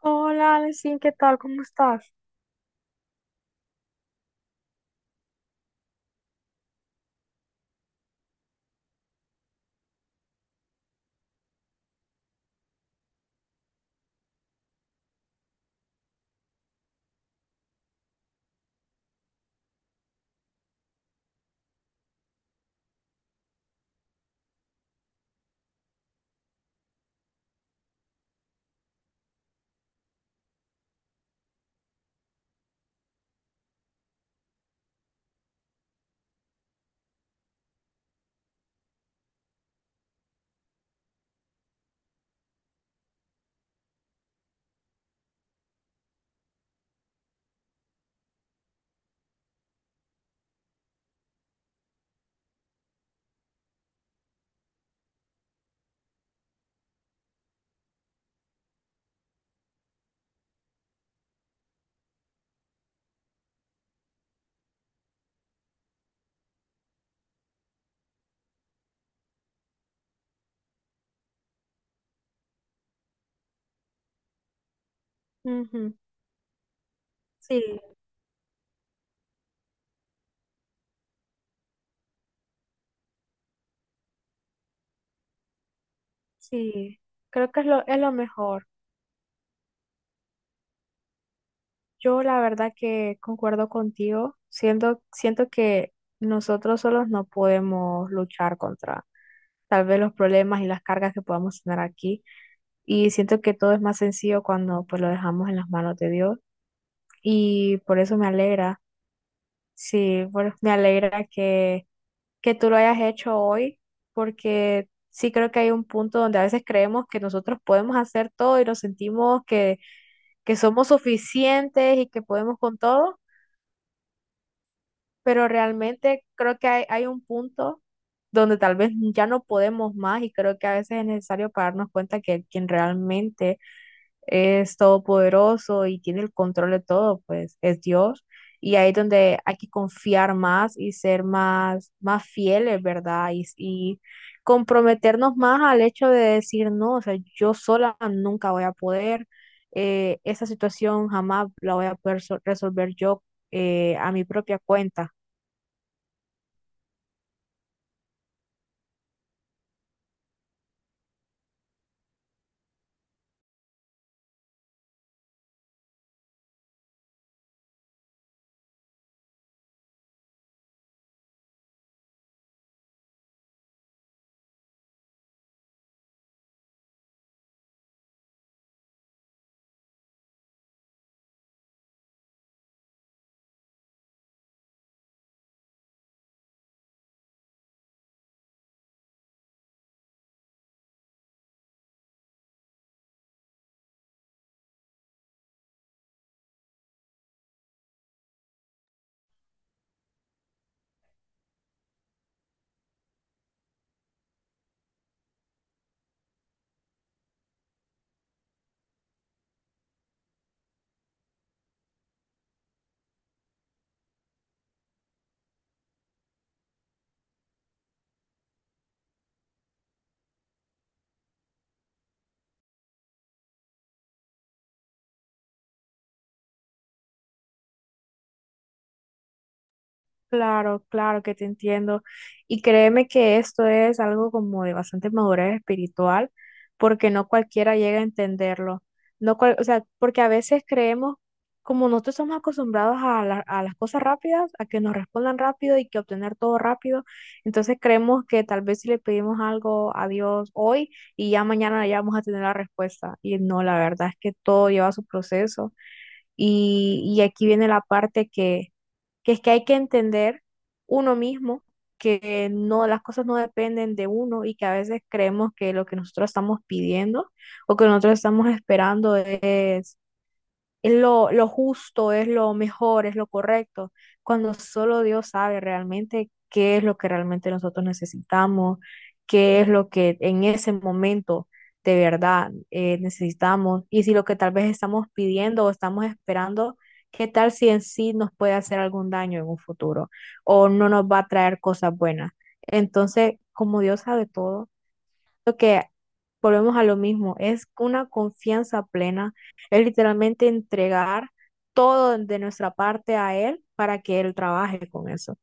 Hola, Alexín, ¿qué tal? ¿Cómo estás? Ujú. Sí, sí, creo que es lo mejor. Yo la verdad que concuerdo contigo. Siento que nosotros solos no podemos luchar contra tal vez los problemas y las cargas que podamos tener aquí. Y siento que todo es más sencillo cuando pues lo dejamos en las manos de Dios. Y por eso me alegra, sí, me alegra que tú lo hayas hecho hoy, porque sí creo que hay un punto donde a veces creemos que nosotros podemos hacer todo y nos sentimos que somos suficientes y que podemos con todo, pero realmente creo que hay un punto donde tal vez ya no podemos más y creo que a veces es necesario para darnos cuenta que quien realmente es todopoderoso y tiene el control de todo, pues es Dios. Y ahí es donde hay que confiar más y ser más, más fieles, ¿verdad? Y comprometernos más al hecho de decir, no, o sea, yo sola nunca voy a poder, esa situación jamás la voy a poder resolver yo a mi propia cuenta. Claro, claro que te entiendo. Y créeme que esto es algo como de bastante madurez espiritual, porque no cualquiera llega a entenderlo. No cual- O sea, porque a veces creemos, como nosotros somos acostumbrados a, a las cosas rápidas, a que nos respondan rápido y que obtener todo rápido, entonces creemos que tal vez si le pedimos algo a Dios hoy y ya mañana ya vamos a tener la respuesta. Y no, la verdad es que todo lleva su proceso. Y aquí viene la parte que es que hay que entender uno mismo que no, las cosas no dependen de uno y que a veces creemos que lo que nosotros estamos pidiendo o que nosotros estamos esperando es es lo justo, es lo mejor, es lo correcto, cuando solo Dios sabe realmente qué es lo que realmente nosotros necesitamos, qué es lo que en ese momento de verdad necesitamos y si lo que tal vez estamos pidiendo o estamos esperando, qué tal si en sí nos puede hacer algún daño en un futuro o no nos va a traer cosas buenas. Entonces, como Dios sabe todo, lo que volvemos a lo mismo, es una confianza plena, es literalmente entregar todo de nuestra parte a él para que él trabaje con eso.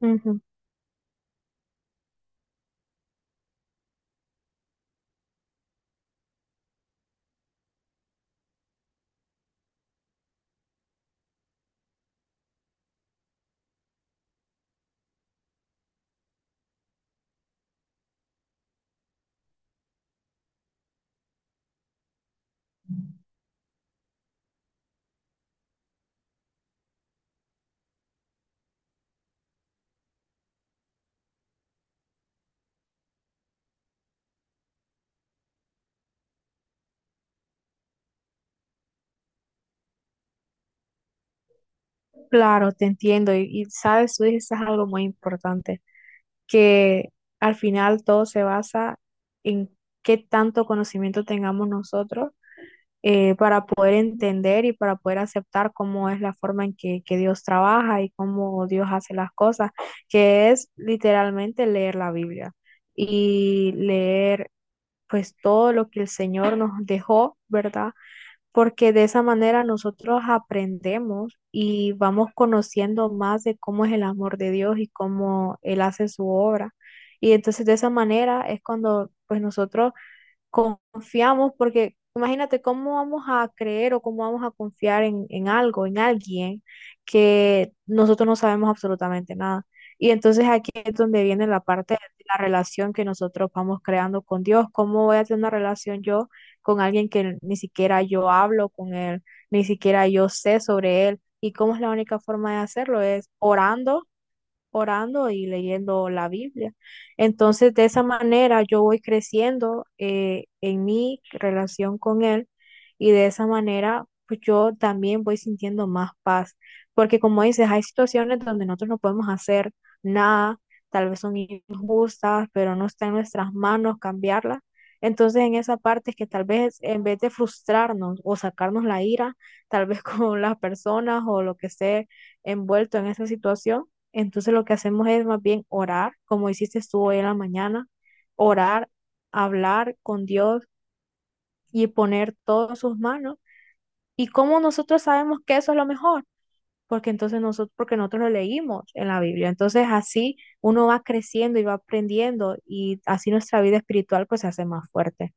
Ujú. Claro, te entiendo y sabes, tú dices algo muy importante, que al final todo se basa en qué tanto conocimiento tengamos nosotros para poder entender y para poder aceptar cómo es la forma en que Dios trabaja y cómo Dios hace las cosas, que es literalmente leer la Biblia y leer pues todo lo que el Señor nos dejó, ¿verdad? Porque de esa manera nosotros aprendemos y vamos conociendo más de cómo es el amor de Dios y cómo Él hace su obra. Y entonces de esa manera es cuando pues nosotros confiamos, porque imagínate cómo vamos a creer o cómo vamos a confiar en algo, en alguien que nosotros no sabemos absolutamente nada. Y entonces aquí es donde viene la parte de la relación que nosotros vamos creando con Dios. ¿Cómo voy a tener una relación yo con alguien que ni siquiera yo hablo con él, ni siquiera yo sé sobre él? Y cómo es la única forma de hacerlo es orando y leyendo la Biblia. Entonces, de esa manera yo voy creciendo en mi relación con Él y de esa manera pues yo también voy sintiendo más paz, porque como dices, hay situaciones donde nosotros no podemos hacer nada, tal vez son injustas, pero no está en nuestras manos cambiarlas. Entonces, en esa parte es que tal vez en vez de frustrarnos o sacarnos la ira, tal vez con las personas o lo que esté envuelto en esa situación, entonces lo que hacemos es más bien orar, como hiciste tú hoy en la mañana, orar, hablar con Dios y poner todo en sus manos. ¿Y cómo nosotros sabemos que eso es lo mejor? Porque entonces nosotros, porque nosotros lo leímos en la Biblia. Entonces así uno va creciendo y va aprendiendo y así nuestra vida espiritual pues se hace más fuerte.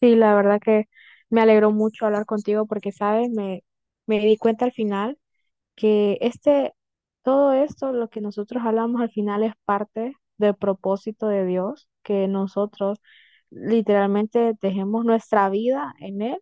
Sí, la verdad que me alegró mucho hablar contigo porque, ¿sabes? Me di cuenta al final que este, todo esto, lo que nosotros hablamos al final es parte del propósito de Dios, que nosotros literalmente dejemos nuestra vida en Él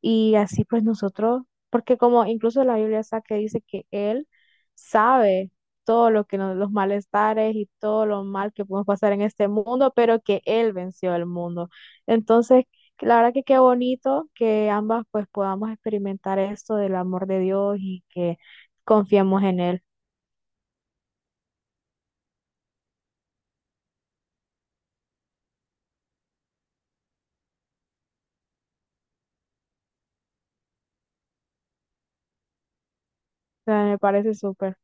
y así pues nosotros, porque como incluso la Biblia está que dice que Él sabe todo lo que nos, los malestares y todo lo mal que podemos pasar en este mundo, pero que Él venció el mundo. Entonces, la verdad que qué bonito que ambas pues podamos experimentar esto del amor de Dios y que confiemos en Él. O sea, me parece súper.